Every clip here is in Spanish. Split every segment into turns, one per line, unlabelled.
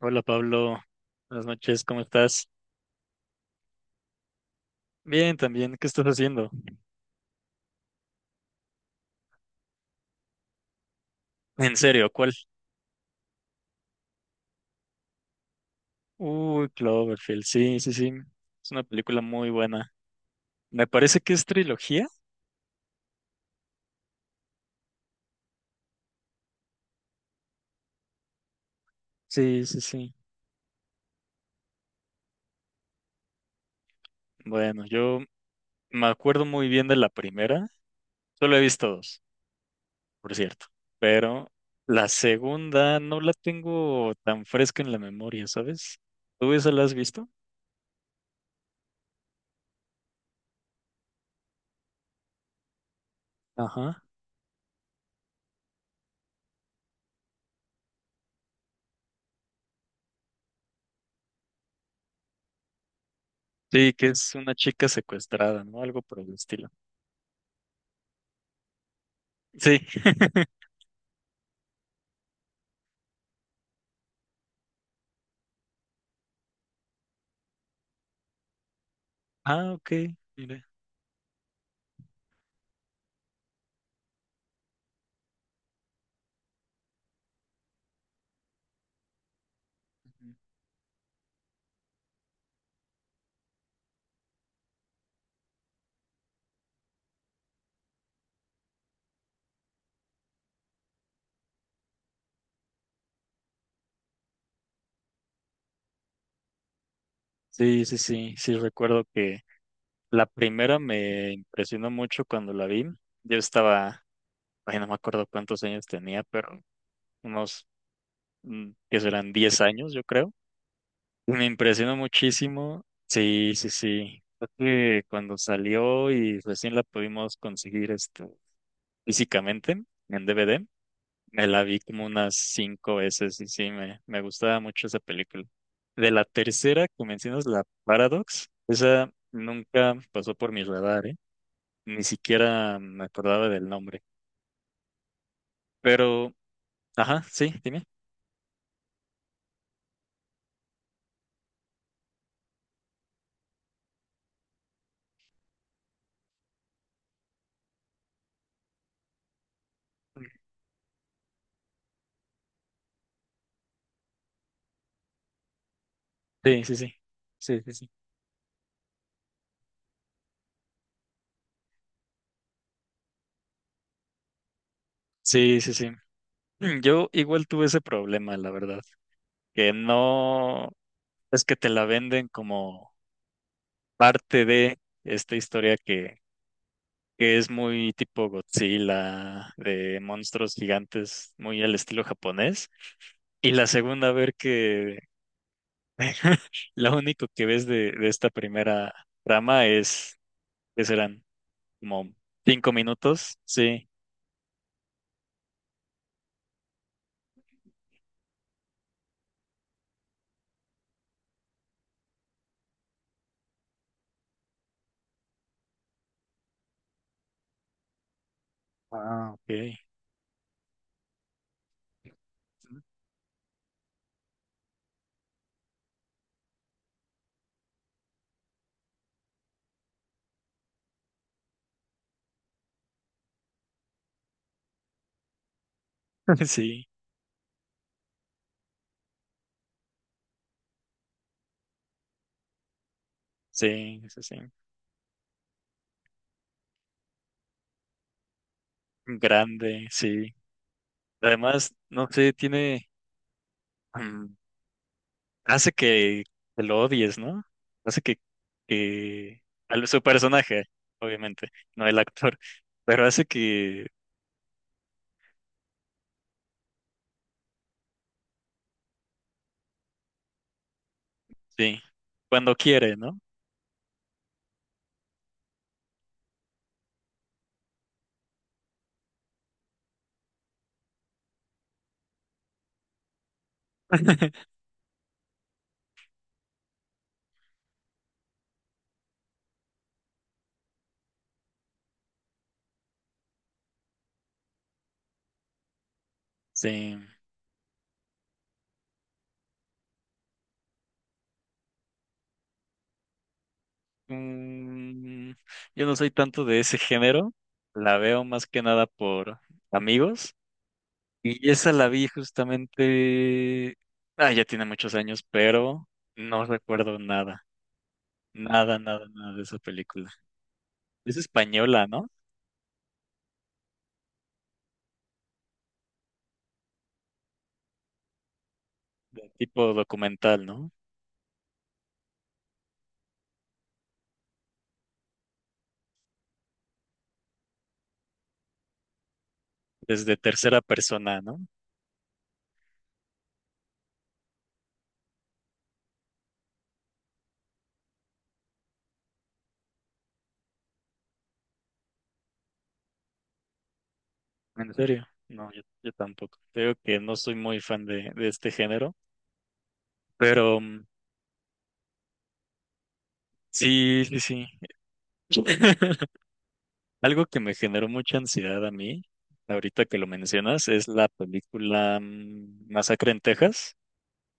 Hola Pablo, buenas noches, ¿cómo estás? Bien, también, ¿qué estás haciendo? En serio, ¿cuál? Uy, Cloverfield, sí, sí, sí, es una película muy buena. Me parece que es trilogía. Sí, sí, sí. Bueno, yo me acuerdo muy bien de la primera, solo he visto dos, por cierto, pero la segunda no la tengo tan fresca en la memoria, ¿sabes? ¿Tú esa la has visto? Ajá. Sí, que es una chica secuestrada, ¿no? Algo por el estilo. Sí. Ah, ok, mira. Ujú. Sí, sí, sí, sí, recuerdo que la primera me impresionó mucho cuando la vi. Yo estaba, ay, no me acuerdo cuántos años tenía, pero unos, que serán 10 años, yo creo. Me impresionó muchísimo. Sí, sí, sí. Creo que cuando salió y recién la pudimos conseguir este, físicamente en DVD. Me la vi como unas 5 veces y sí, me gustaba mucho esa película. De la tercera, que mencionas, la Paradox, esa nunca pasó por mi radar, ¿eh? Ni siquiera me acordaba del nombre. Pero, ajá, sí, dime. Sí, sí, sí. Sí, sí, sí. Sí, sí, sí. Yo igual tuve ese problema, la verdad, que no, es que te la venden como parte de esta historia que es muy tipo Godzilla, de monstruos gigantes, muy al estilo japonés. Y la segunda, a ver que lo único que ves de esta primera trama es que serán como 5 minutos. Sí. Ah, ok. Sí, sí, sí, sí. Grande, sí. Además, no sé, tiene. mm, Hace que lo odies, ¿no? Hace que su personaje, obviamente, no el actor, pero hace que, sí, cuando quiere, ¿no? Sí. Mm, yo no soy tanto de ese género, la veo más que nada por amigos y esa la vi justamente, ah, ya tiene muchos años, pero no recuerdo nada de esa película. Es española, ¿no? De tipo documental, ¿no? Desde tercera persona, ¿no? ¿En serio? No, yo tampoco. Creo que no soy muy fan de este género, pero mm, sí, sí, sí. Algo que me generó mucha ansiedad a mí, ahorita que lo mencionas, es la película Masacre en Texas.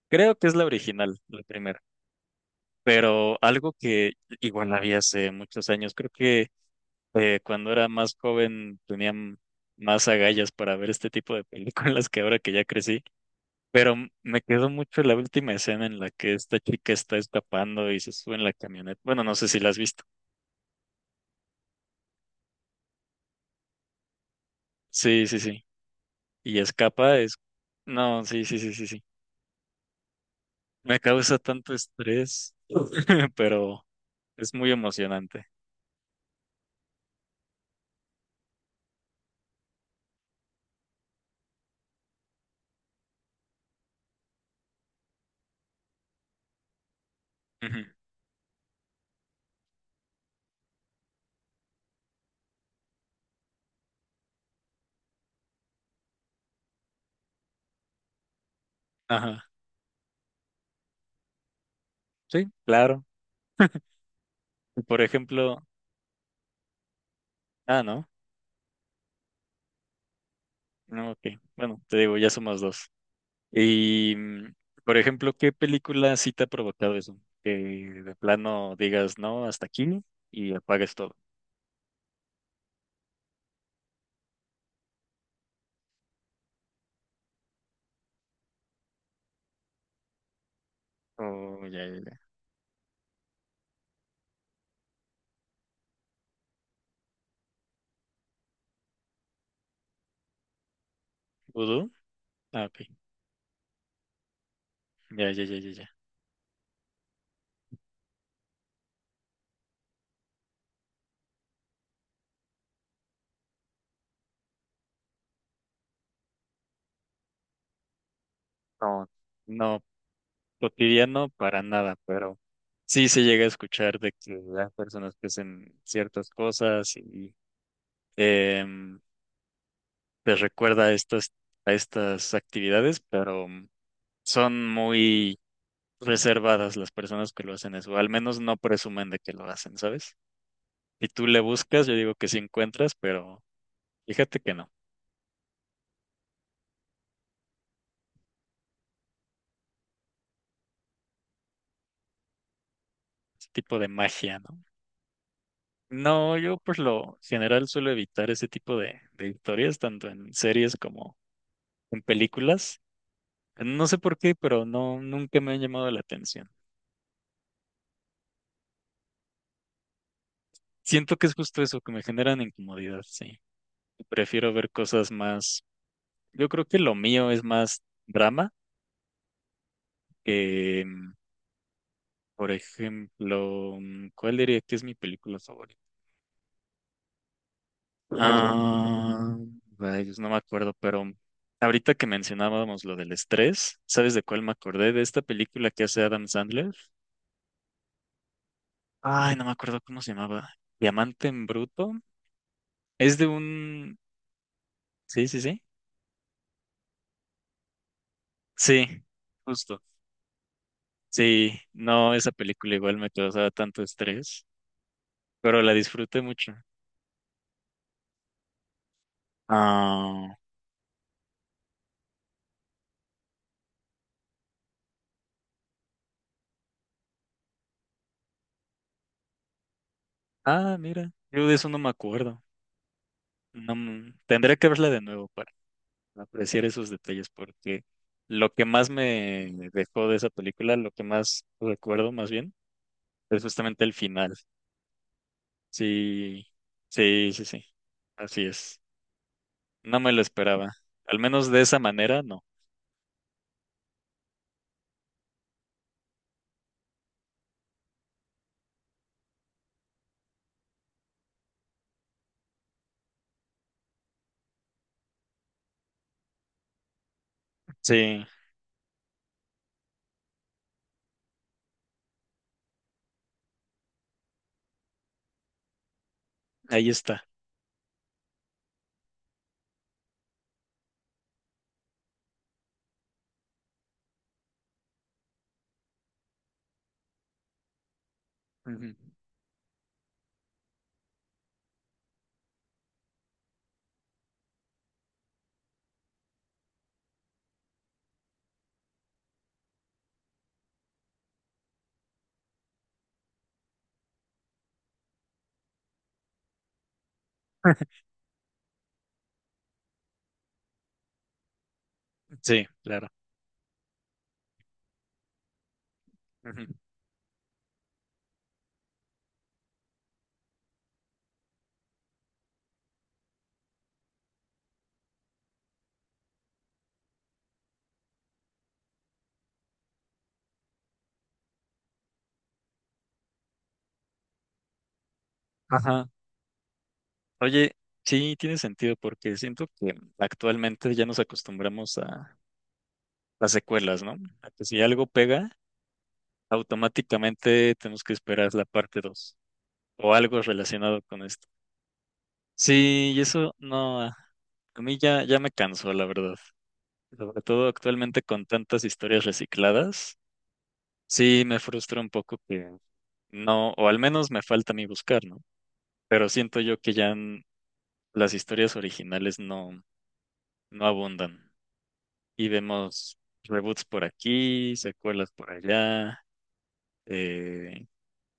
Creo que es la original, la primera, pero algo que igual la vi hace muchos años, creo que cuando era más joven tenía más agallas para ver este tipo de películas que ahora que ya crecí. Pero me quedó mucho la última escena en la que esta chica está escapando y se sube en la camioneta. Bueno, no sé si la has visto. Sí, sí, sí. Y escapa, es... No, sí, sí, sí, sí, sí. Me causa tanto estrés, pero es muy emocionante. Ujú. Ajá. Sí, claro. Y por ejemplo... Ah, no. No, ok. Bueno, te digo, ya somos dos. Y, por ejemplo, ¿qué película sí te ha provocado eso? Que de plano digas, no, hasta aquí y apagues todo. Oh, ya, ya. ¿Vudú? Ah, ok. Ya, ya, ya, ya, ya. No, no cotidiano para nada, pero sí se llega a escuchar de que las personas que hacen ciertas cosas y em, les recuerda a estas actividades, pero son muy reservadas las personas que lo hacen eso, al menos no presumen de que lo hacen, ¿sabes? Si tú le buscas, yo digo que sí encuentras, pero fíjate que no, es tipo de magia, ¿no? No, yo por lo general suelo evitar ese tipo de historias, tanto en series como en películas. No sé por qué, pero no, nunca me han llamado la atención. Siento que es justo eso, que me generan incomodidad, sí. Prefiero ver cosas más. Yo creo que lo mío es más drama que, por ejemplo, ¿cuál diría que es mi película favorita? Ah, rayos, no me acuerdo, pero ahorita que mencionábamos lo del estrés, ¿sabes de cuál me acordé? De esta película que hace Adam Sandler. Ay, no me acuerdo cómo se llamaba. Diamante en Bruto. Es de un... Sí, sí, sí. Sí, justo. Sí, no, esa película igual me causaba tanto estrés, pero la disfruté mucho. Ah, Mira, yo de eso no me acuerdo. No, tendré que verla de nuevo para apreciar esos detalles porque lo que más me dejó de esa película, lo que más recuerdo más bien, es justamente el final. Sí, sí, sí, sí, así es. No me lo esperaba. Al menos de esa manera, no. Sí, ahí está. Ujú. Sí, claro. Ujú. Ajá. Oye, sí, tiene sentido porque siento que actualmente ya nos acostumbramos a las secuelas, ¿no? A que si algo pega, automáticamente tenemos que esperar la parte 2 o algo relacionado con esto. Sí, y eso no, a mí ya, ya me cansó, la verdad. Sobre todo actualmente con tantas historias recicladas, sí me frustra un poco que no, o al menos me falta a mí buscar, ¿no? Pero siento yo que ya las historias originales no, no abundan. Y vemos reboots por aquí, secuelas por allá, eh,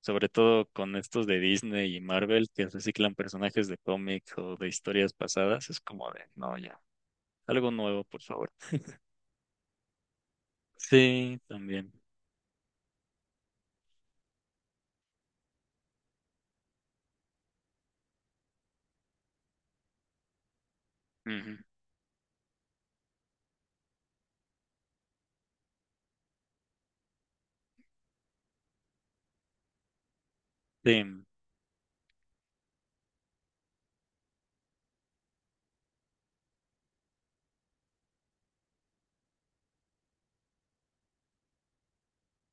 sobre todo con estos de Disney y Marvel que reciclan personajes de cómic o de historias pasadas, es como de, no, ya, algo nuevo, por favor. Sí, también. Ujú. Sí,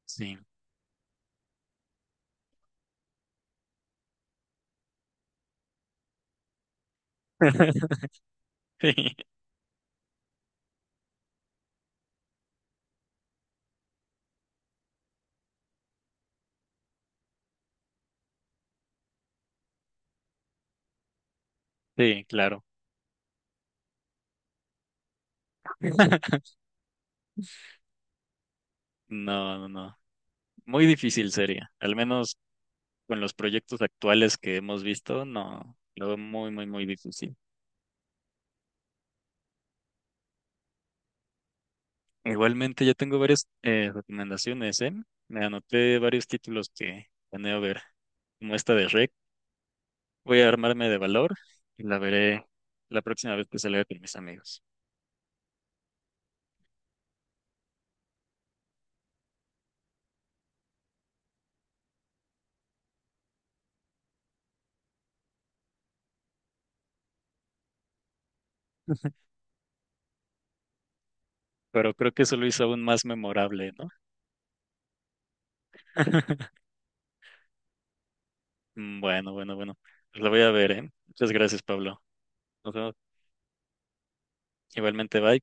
sí. Sí, sí, claro. No, no, no. Muy difícil sería. Al menos con los proyectos actuales que hemos visto, no. Lo veo muy, muy, muy difícil. Igualmente, ya tengo varias recomendaciones, ¿eh? Me anoté varios títulos que planeo ver, como esta de Rec. Voy a armarme de valor y la veré la próxima vez que salga con mis amigos. Pero creo que eso lo hizo aún más memorable, ¿no? Bueno, bueno, bueno. Pues la voy a ver, ¿eh? Muchas gracias, Pablo. Nos vemos. Igualmente, bye.